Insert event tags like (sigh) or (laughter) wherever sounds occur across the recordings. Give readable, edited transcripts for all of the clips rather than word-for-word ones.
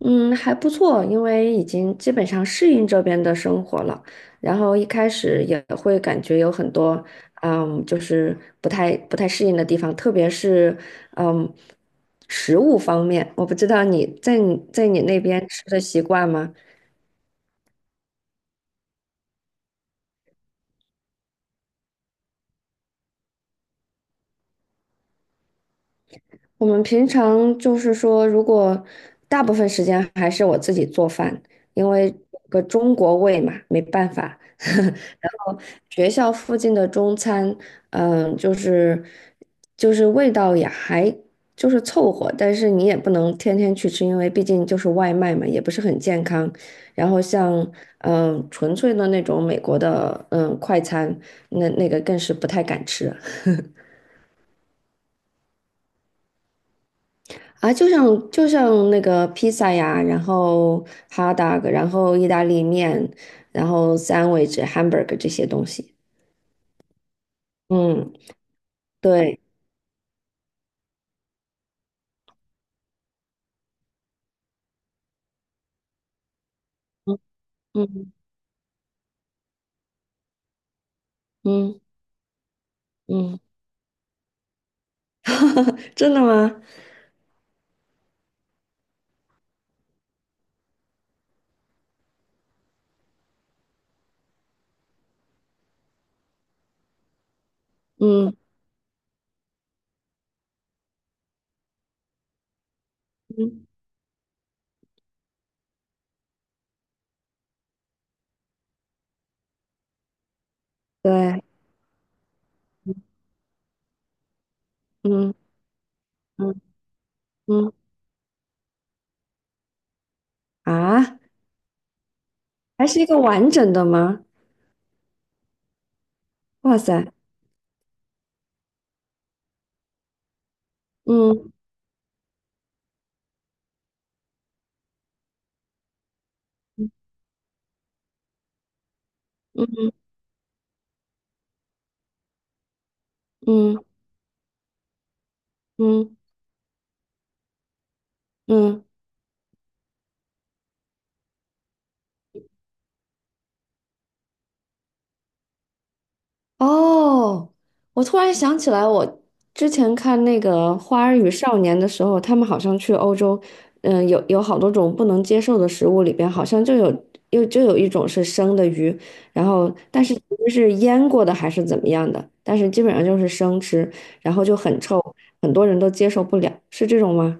嗯，还不错，因为已经基本上适应这边的生活了。然后一开始也会感觉有很多，就是不太适应的地方，特别是嗯，食物方面，我不知道你在你那边吃的习惯吗？我们平常就是说，如果大部分时间还是我自己做饭，因为有个中国胃嘛，没办法。(laughs) 然后学校附近的中餐，嗯，就是就是味道也还就是凑合，但是你也不能天天去吃，因为毕竟就是外卖嘛，也不是很健康。然后像纯粹的那种美国的快餐，那个更是不太敢吃。啊，就像那个披萨呀，然后哈达 t 然后意大利面，然后 sandwich、hamburger 这些东西。嗯，对，嗯嗯嗯嗯，(laughs) 真的吗？嗯嗯，对，嗯嗯嗯，啊，还是一个完整的吗？哇塞，嗯嗯嗯嗯嗯嗯，哦，我突然想起来，我之前看那个《花儿与少年》的时候，他们好像去欧洲，有好多种不能接受的食物，里边好像就有一种是生的鱼，然后但是其实是腌过的还是怎么样的，但是基本上就是生吃，然后就很臭，很多人都接受不了，是这种吗？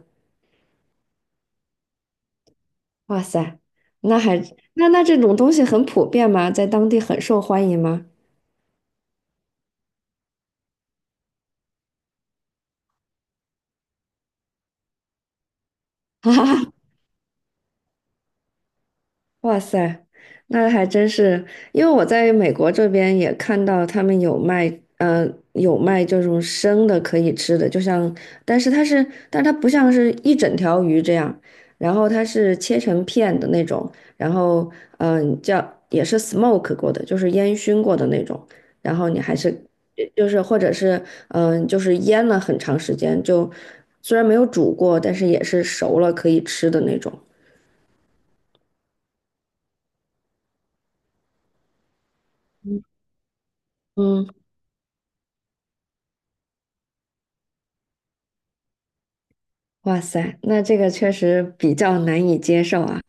哇塞，那还那那这种东西很普遍吗？在当地很受欢迎吗？(laughs) 哈哈。哇塞，那还真是，因为我在美国这边也看到他们有卖，呃，有卖这种生的可以吃的，就像，但是它是，但它不像是一整条鱼这样，然后它是切成片的那种，然后，叫也是 smoke 过的，就是烟熏过的那种，然后你还是，就是或者是，就是腌了很长时间，就虽然没有煮过，但是也是熟了可以吃的那种，嗯。哇塞，那这个确实比较难以接受啊。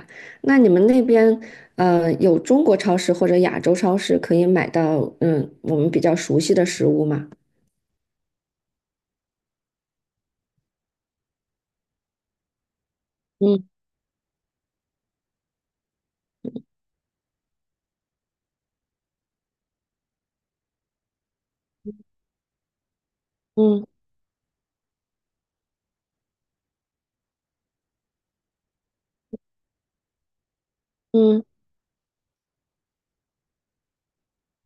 那你们那边，有中国超市或者亚洲超市可以买到，我们比较熟悉的食物吗？嗯嗯嗯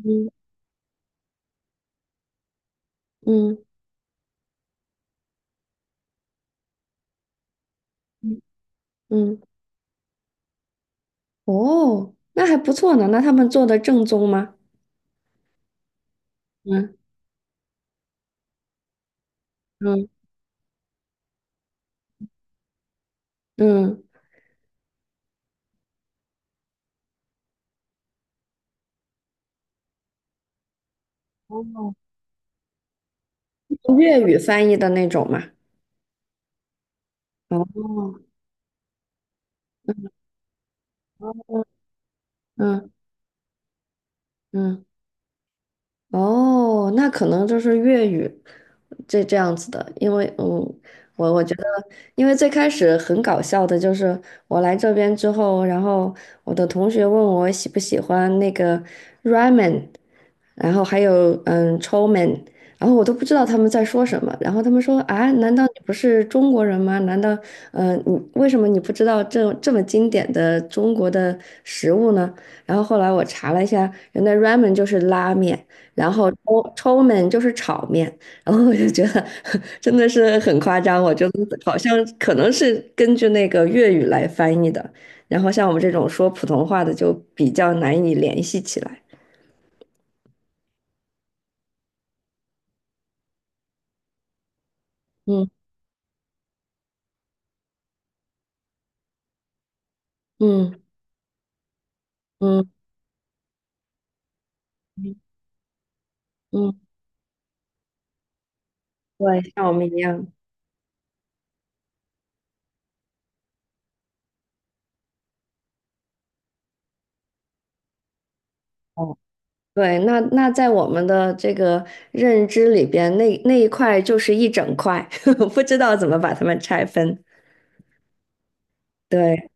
嗯嗯嗯嗯哦，那还不错呢。那他们做的正宗吗？嗯嗯，嗯嗯哦粤语翻译的那种吗？哦哦嗯嗯。哦，那可能就是粤语这样子的，因为我觉得，因为最开始很搞笑的就是我来这边之后，然后我的同学问我喜不喜欢那个 ramen，然后还有c h o m e n 然后我都不知道他们在说什么，然后他们说啊，难道你不是中国人吗？难道你为什么不知道这么经典的中国的食物呢？然后后来我查了一下，原来 ramen 就是拉面。然后抽抽们就是炒面，然后我就觉得 (laughs) 真的是很夸张，我觉得好像可能是根据那个粤语来翻译的，然后像我们这种说普通话的就比较难以联系起来。嗯嗯嗯嗯，对，像我们一样。哦，对，那在我们的这个认知里边，那一块就是一整块，(laughs) 不知道怎么把它们拆分。对，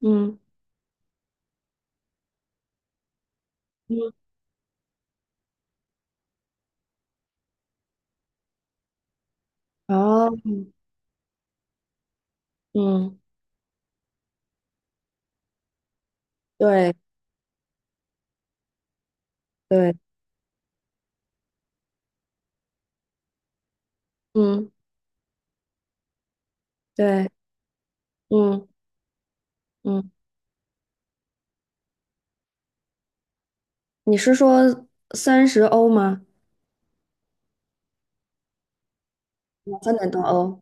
嗯嗯，哦，嗯，对对，嗯。对，嗯嗯，你是说30欧吗？3点多欧。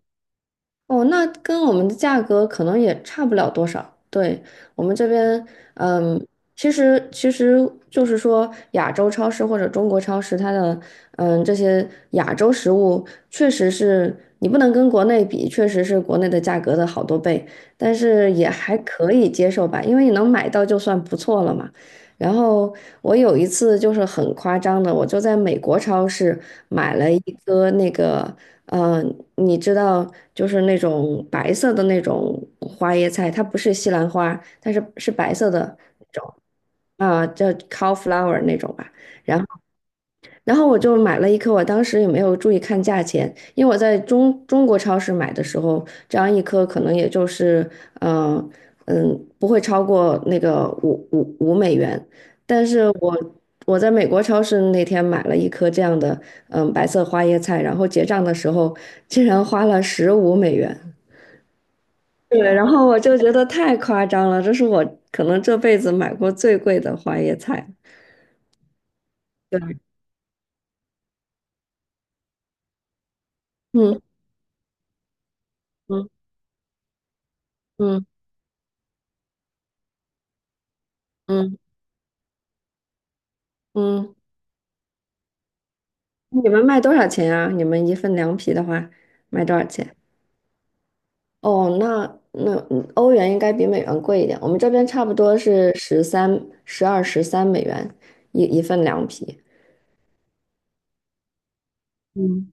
哦，那跟我们的价格可能也差不了多少。对，我们这边，嗯，其实就是说，亚洲超市或者中国超市，它的，这些亚洲食物确实是你不能跟国内比，确实是国内的价格的好多倍，但是也还可以接受吧，因为你能买到就算不错了嘛。然后我有一次就是很夸张的，我就在美国超市买了一个那个。呃，你知道，就是那种白色的那种花椰菜，它不是西兰花，但是是白色的那种啊，叫 cauliflower 那种吧。然后我就买了一颗，我当时也没有注意看价钱，因为我在中国超市买的时候，这样一颗可能也就是，嗯、不会超过那个五美元。但是我在美国超市那天买了一颗这样的，白色花椰菜，然后结账的时候竟然花了十五美元。对，然后我就觉得太夸张了，这是我可能这辈子买过最贵的花椰菜。嗯嗯嗯嗯嗯。你们卖多少钱啊？你们一份凉皮的话，卖多少钱？哦，那欧元应该比美元贵一点，我们这边差不多是十三、12、$13一份凉皮。嗯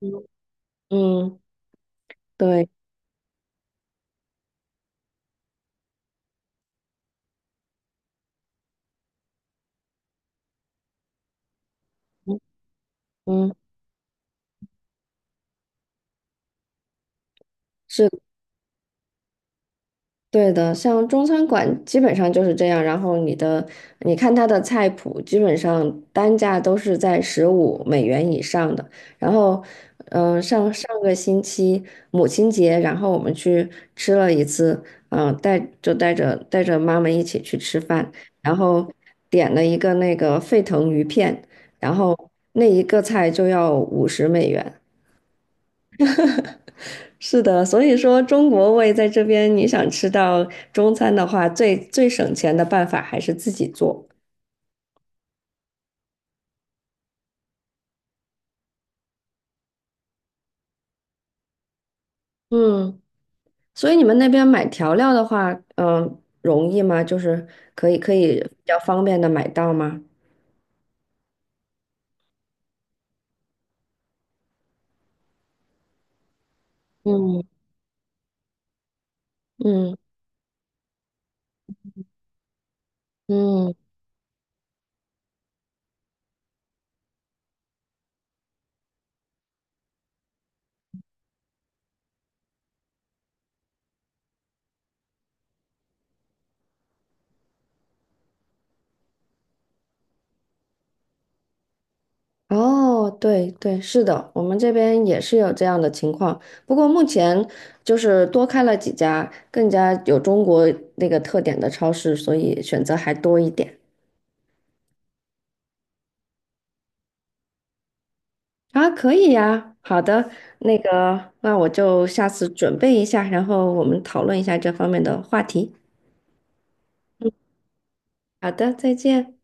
嗯，嗯，对，嗯，是对的，像中餐馆基本上就是这样，然后你的，你看它的菜谱，基本上单价都是在十五美元以上的。然后，上上个星期母亲节，然后我们去吃了一次，带着妈妈一起去吃饭，然后点了一个那个沸腾鱼片，然后那一个菜就要$50。(laughs) 是的，所以说中国胃在这边，你想吃到中餐的话，最最省钱的办法还是自己做。嗯，所以你们那边买调料的话，容易吗？就是可以比较方便的买到吗？嗯嗯嗯，哦，对对，是的，我们这边也是有这样的情况，不过目前就是多开了几家更加有中国那个特点的超市，所以选择还多一点。啊，可以呀，好的，那个，那我就下次准备一下，然后我们讨论一下这方面的话题。好的，再见。